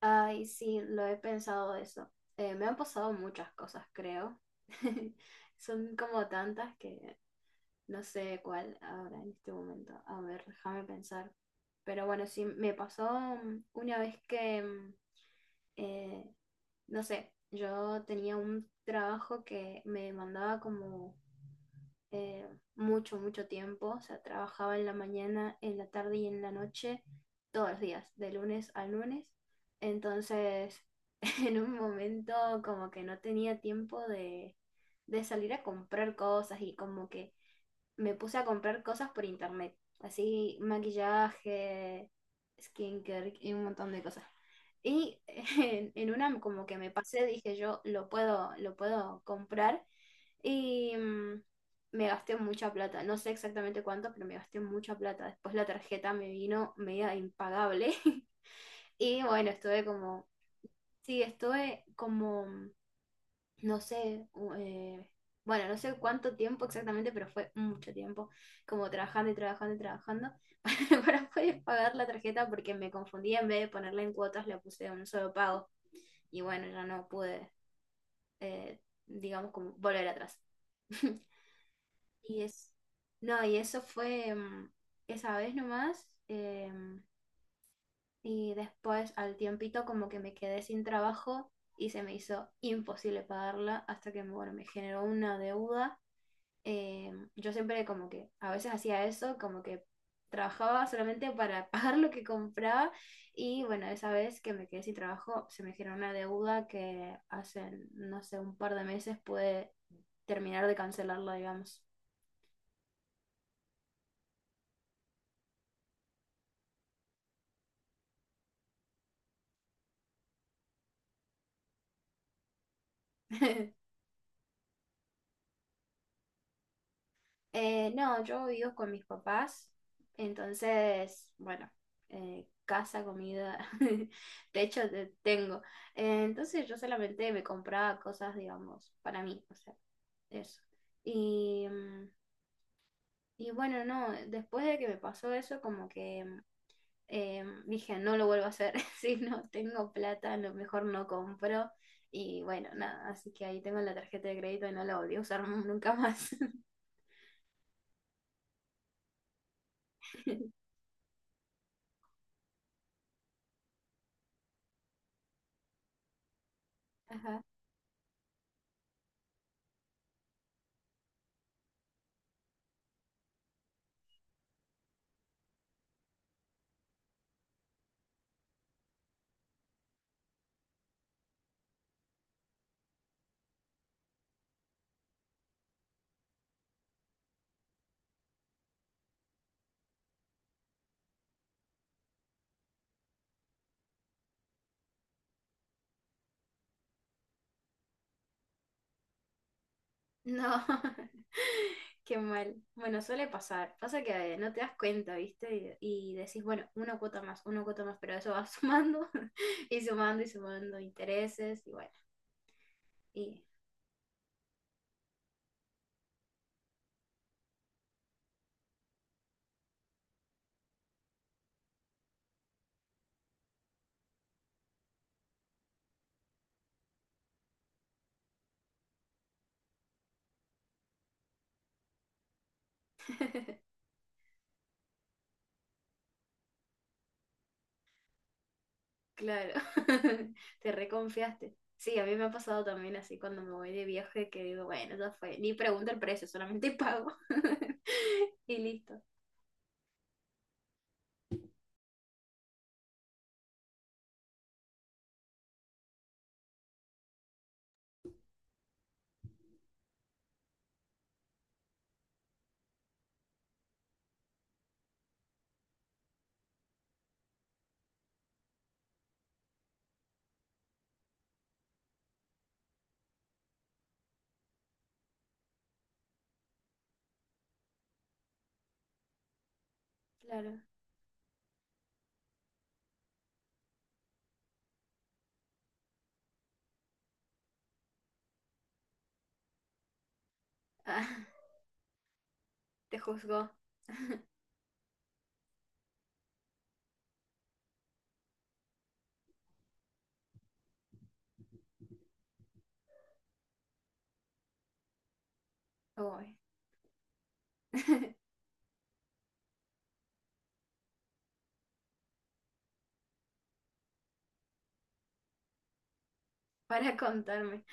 Ay, sí, lo he pensado eso. Me han pasado muchas cosas, creo. Son como tantas que no sé cuál ahora en este momento. A ver, déjame pensar. Pero bueno, sí, me pasó una vez que, eh, no sé, yo tenía un trabajo que me mandaba como eh, mucho, mucho tiempo. O sea, trabajaba en la mañana, en la tarde y en la noche, todos los días, de lunes a lunes. Entonces, en un momento como que no tenía tiempo de salir a comprar cosas y como que me puse a comprar cosas por internet. Así, maquillaje, skincare y un montón de cosas. Y en una como que me pasé, dije yo, lo puedo comprar. Y me gasté mucha plata. No sé exactamente cuánto, pero me gasté mucha plata. Después la tarjeta me vino media impagable. Y bueno, estuve como, sí, estuve como no sé, bueno, no sé cuánto tiempo exactamente, pero fue mucho tiempo, como trabajando y trabajando y trabajando para, para poder pagar la tarjeta porque me confundí, en vez de ponerla en cuotas, la puse de un solo pago y bueno, ya no pude, eh, digamos, como volver atrás. Y es, no, y eso fue esa vez nomás. Y después al tiempito como que me quedé sin trabajo y se me hizo imposible pagarla hasta que, bueno, me generó una deuda. eh, yo siempre como que a veces hacía eso, como que trabajaba solamente para pagar lo que compraba y bueno, esa vez que me quedé sin trabajo se me generó una deuda que hace, no sé, un par de meses pude terminar de cancelarla, digamos. No, yo vivo con mis papás, entonces, bueno, casa, comida, de hecho tengo. Entonces yo solamente me compraba cosas, digamos, para mí, o sea, eso. Y, y bueno, no, después de que me pasó eso, como que dije, no lo vuelvo a hacer, si no tengo plata, a lo mejor no compro. Y bueno, nada, así que ahí tengo la tarjeta de crédito y no la volví a usar nunca más. Ajá. No, qué mal. Bueno, suele pasar. Pasa que no te das cuenta, ¿viste? Y decís, bueno, una cuota más, pero eso va sumando y sumando intereses y bueno, y claro, te reconfiaste. Sí, a mí me ha pasado también así cuando me voy de viaje que digo, bueno, ya fue, ni pregunto el precio, solamente pago y listo. Claro, ah, te juzgó. Uy. Para contarme.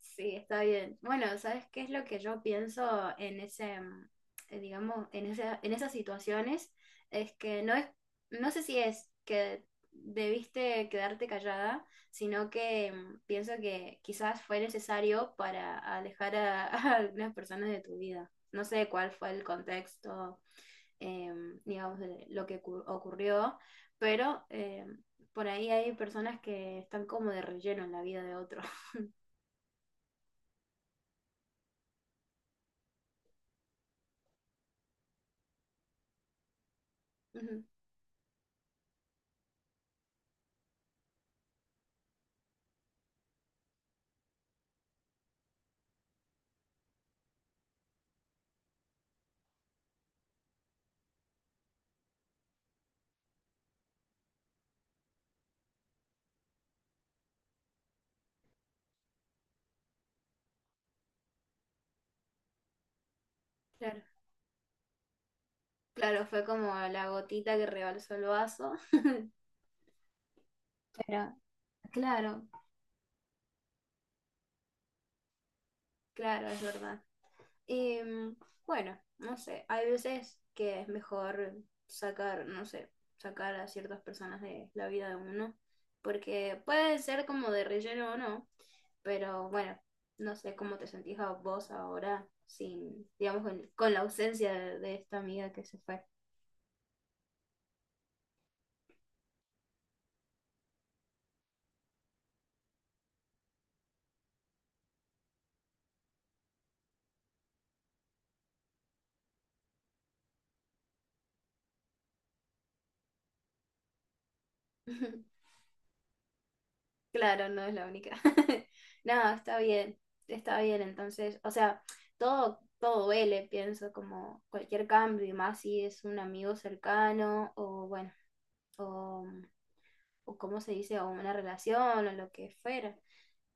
Sí, está bien. Bueno, ¿sabes qué es lo que yo pienso en ese, digamos, en en esas situaciones? Es que no es, no sé si es que debiste quedarte callada, sino que pienso que quizás fue necesario para alejar a algunas personas de tu vida. No sé cuál fue el contexto, digamos, de lo que ocurrió, pero por ahí hay personas que están como de relleno en la vida de otros. Ujú, claro, claro, fue como la gotita que rebalsó el vaso. Pero claro, claro, es verdad. Em, bueno, no sé, hay veces que es mejor sacar, no sé, sacar a ciertas personas de la vida de uno, porque puede ser como de relleno o no, pero bueno, no sé cómo te sentís a vos ahora sin, digamos, con la ausencia de esta amiga que se fue. Claro, no es la única. No, está bien, está bien. Entonces, o sea, todo, todo duele, pienso, como cualquier cambio, y más si es un amigo cercano, o bueno, o, o cómo se dice, o una relación, o lo que fuera.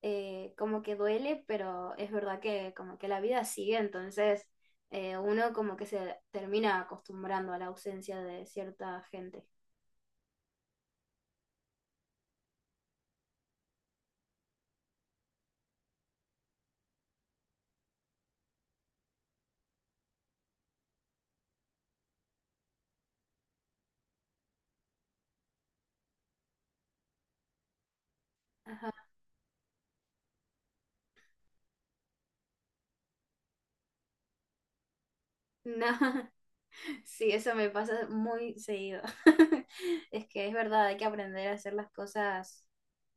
Como que duele, pero es verdad que como que la vida sigue, entonces uno como que se termina acostumbrando a la ausencia de cierta gente. Ajá. No. Sí, eso me pasa muy seguido. Es que es verdad, hay que aprender a hacer las cosas,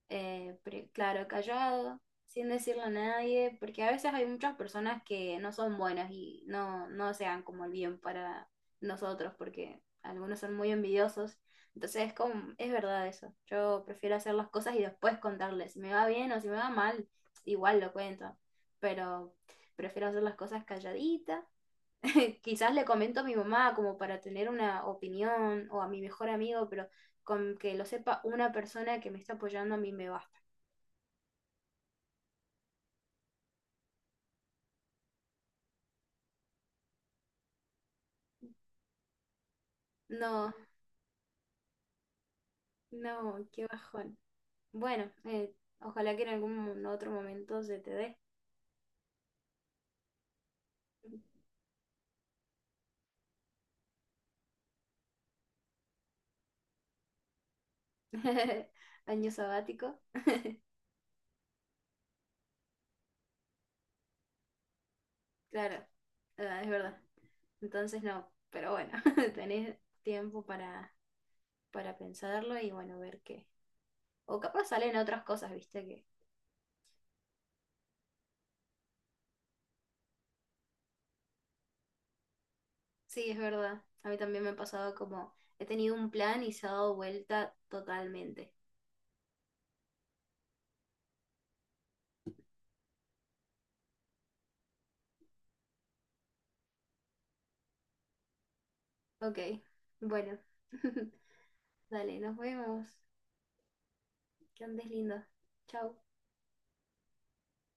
claro, callado, sin decirle a nadie, porque a veces hay muchas personas que no son buenas y no, no sean como el bien para nosotros, porque algunos son muy envidiosos. Entonces es como, es verdad eso. Yo prefiero hacer las cosas y después contarles. Si me va bien o si me va mal, igual lo cuento, pero prefiero hacer las cosas calladita. Quizás le comento a mi mamá como para tener una opinión o a mi mejor amigo, pero con que lo sepa una persona que me está apoyando a mí me basta. No, no, qué bajón. Bueno, ojalá que en algún otro momento se te dé. Año sabático, claro, ah, es verdad. Entonces no, pero bueno, tenés tiempo para pensarlo y bueno, ver qué. O capaz salen otras cosas, viste, sí, es verdad. A mí también me ha pasado como he tenido un plan y se ha dado vuelta totalmente. Ok, bueno. Dale, nos vemos. Que andes lindo. Chau.